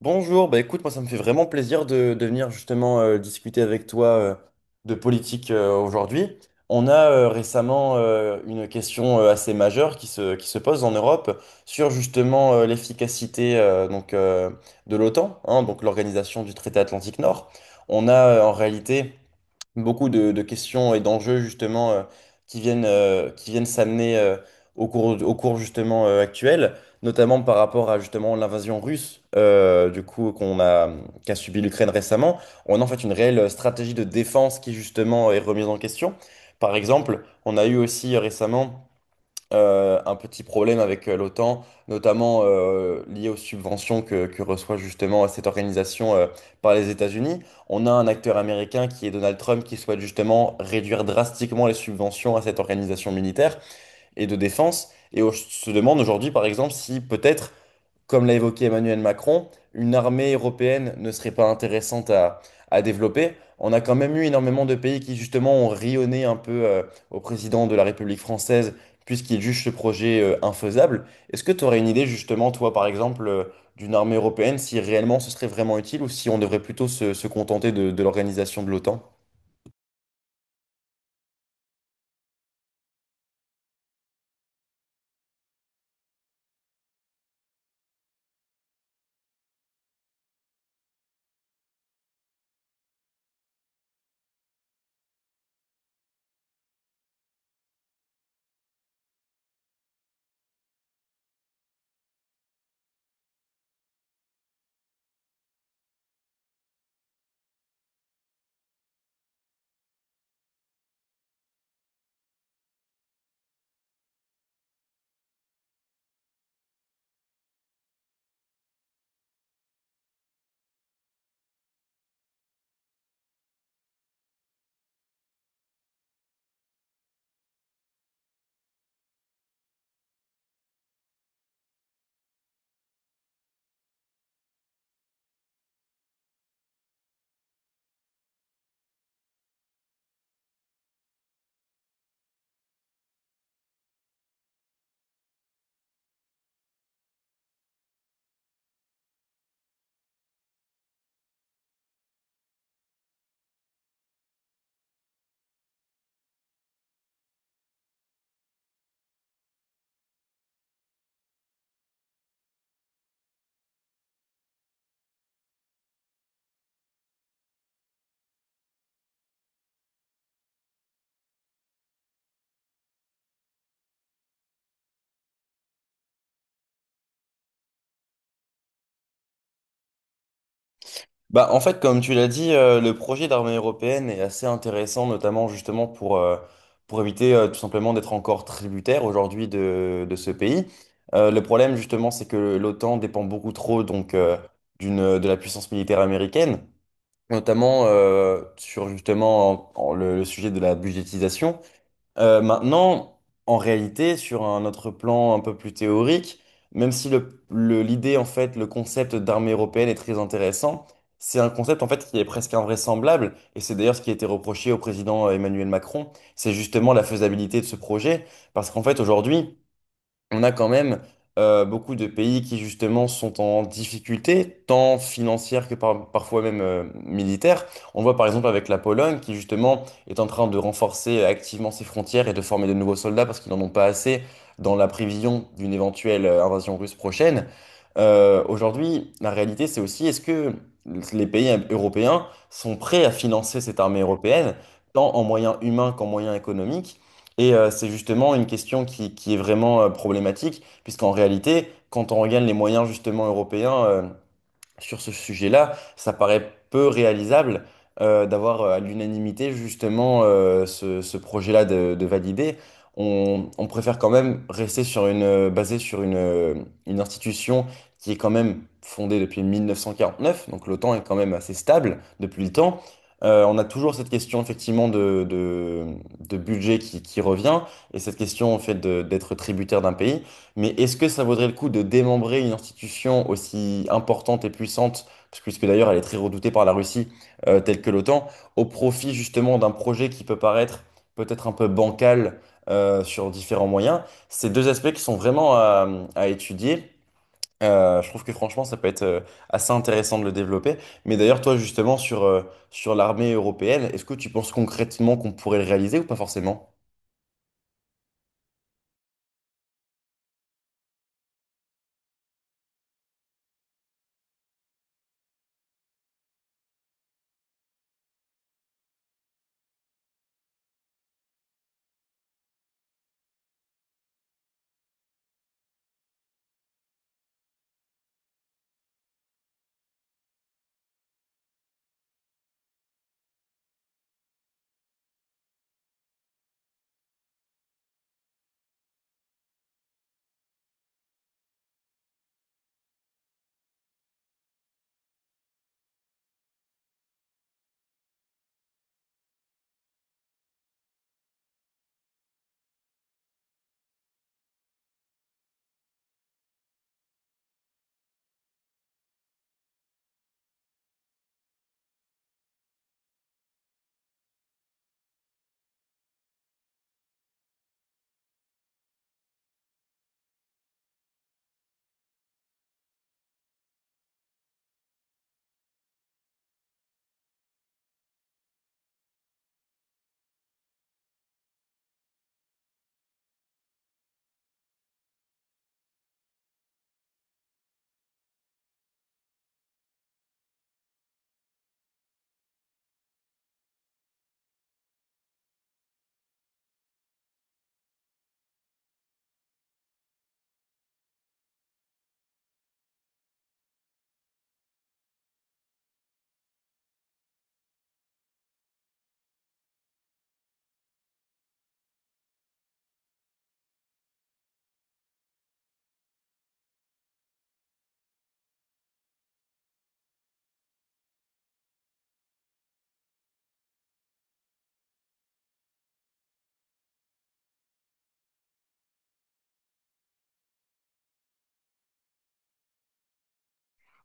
Bonjour, bah écoute, moi ça me fait vraiment plaisir de venir justement discuter avec toi, de politique aujourd'hui. On a récemment une question assez majeure qui se pose en Europe sur justement l'efficacité de l'OTAN, hein, donc l'organisation du traité Atlantique Nord. On a en réalité beaucoup de questions et d'enjeux justement, qui viennent s'amener au cours justement actuel, notamment par rapport à justement l'invasion russe, qu'a subi l'Ukraine récemment. On a en fait une réelle stratégie de défense qui justement est remise en question. Par exemple, on a eu aussi récemment un petit problème avec l'OTAN, notamment lié aux subventions que reçoit justement cette organisation par les États-Unis. On a un acteur américain qui est Donald Trump qui souhaite justement réduire drastiquement les subventions à cette organisation militaire et de défense. Et on se demande aujourd'hui, par exemple, si peut-être, comme l'a évoqué Emmanuel Macron, une armée européenne ne serait pas intéressante à développer. On a quand même eu énormément de pays qui justement ont rionné un peu, au président de la République française, puisqu'il juge ce projet infaisable. Est-ce que tu aurais une idée justement, toi par exemple, d'une armée européenne, si réellement ce serait vraiment utile ou si on devrait plutôt se contenter de l'organisation de l'OTAN? Bah, en fait, comme tu l'as dit, le projet d'armée européenne est assez intéressant, notamment justement pour éviter tout simplement d'être encore tributaire aujourd'hui de ce pays. Le problème justement, c'est que l'OTAN dépend beaucoup trop donc, de la puissance militaire américaine, notamment sur justement en- en le sujet de la budgétisation. Maintenant, en réalité, sur un autre plan un peu plus théorique, même si l'idée, en fait, le concept d'armée européenne est très intéressant, c'est un concept, en fait, qui est presque invraisemblable, et c'est d'ailleurs ce qui a été reproché au président Emmanuel Macron, c'est justement la faisabilité de ce projet, parce qu'en fait, aujourd'hui, on a quand même beaucoup de pays qui justement sont en difficulté, tant financière que parfois même militaire. On voit par exemple avec la Pologne qui justement est en train de renforcer activement ses frontières et de former de nouveaux soldats parce qu'ils n'en ont pas assez dans la prévision d'une éventuelle invasion russe prochaine. Aujourd'hui, la réalité c'est aussi est-ce que les pays européens sont prêts à financer cette armée européenne, tant en moyens humains qu'en moyens économiques? Et c'est justement une question qui est vraiment problématique, puisqu'en réalité, quand on regarde les moyens justement européens, sur ce sujet-là, ça paraît peu réalisable d'avoir à l'unanimité justement, ce projet-là de valider. On préfère quand même rester sur une, basé sur une institution qui est quand même fondée depuis 1949, donc l'OTAN est quand même assez stable depuis le temps. On a toujours cette question effectivement de budget qui revient, et cette question en fait d'être tributaire d'un pays. Mais est-ce que ça vaudrait le coup de démembrer une institution aussi importante et puissante, puisque d'ailleurs elle est très redoutée par la Russie, telle que l'OTAN, au profit justement d'un projet qui peut paraître peut-être un peu bancal, sur différents moyens? Ces deux aspects qui sont vraiment à étudier. Je trouve que franchement ça peut être assez intéressant de le développer. Mais d'ailleurs toi justement sur, sur l'armée européenne, est-ce que tu penses concrètement qu'on pourrait le réaliser ou pas forcément?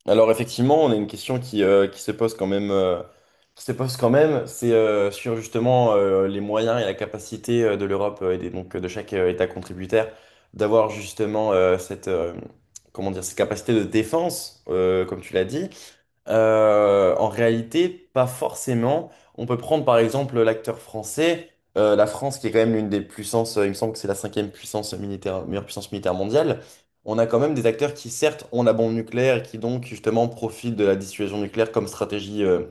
Alors effectivement, on a une question qui se pose quand même, qui se pose quand même, c'est sur justement les moyens et la capacité de l'Europe et donc de chaque État contributaire d'avoir justement, cette, comment dire, cette capacité de défense, comme tu l'as dit. En réalité, pas forcément. On peut prendre par exemple l'acteur français, la France qui est quand même l'une des puissances, il me semble que c'est la cinquième puissance militaire, meilleure puissance militaire mondiale. On a quand même des acteurs qui certes ont la bombe nucléaire et qui donc justement profitent de la dissuasion nucléaire comme stratégie,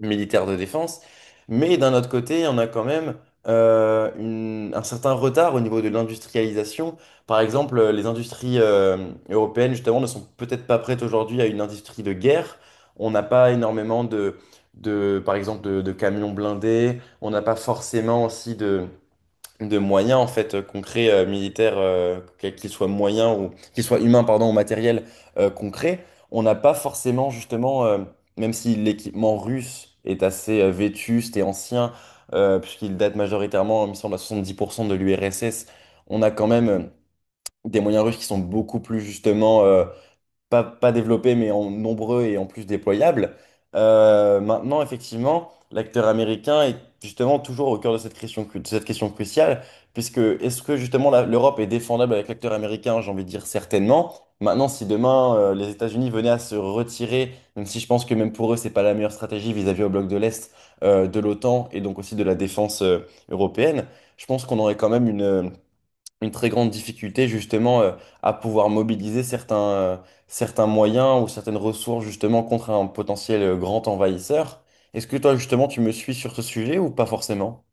militaire de défense. Mais d'un autre côté, on a quand même un certain retard au niveau de l'industrialisation. Par exemple, les industries européennes, justement, ne sont peut-être pas prêtes aujourd'hui à une industrie de guerre. On n'a pas énormément par exemple, de camions blindés. On n'a pas forcément aussi de moyens en fait concrets militaires, qu'ils soient moyens ou qu'ils soient humains pardon ou matériels concrets, on n'a pas forcément justement, même si l'équipement russe est assez vétuste et ancien, puisqu'il date majoritairement il me semble à 70% de l'URSS. On a quand même des moyens russes qui sont beaucoup plus justement, pas développés, mais en nombreux et en plus déployables. Maintenant, effectivement, l'acteur américain est justement toujours au cœur de cette question, de cette question cruciale, puisque est-ce que justement l'Europe est défendable avec l'acteur américain? J'ai envie de dire certainement. Maintenant, si demain les États-Unis venaient à se retirer, même si je pense que même pour eux, c'est pas la meilleure stratégie vis-à-vis au bloc de l'Est, de l'OTAN et donc aussi de la défense européenne, je pense qu'on aurait quand même une très grande difficulté justement, à pouvoir mobiliser certains, certains moyens ou certaines ressources justement contre un potentiel grand envahisseur. Est-ce que toi justement tu me suis sur ce sujet ou pas forcément?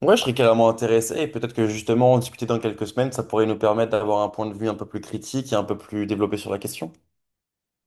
Ouais, je serais carrément intéressé et peut-être que justement en discuter dans quelques semaines, ça pourrait nous permettre d'avoir un point de vue un peu plus critique et un peu plus développé sur la question.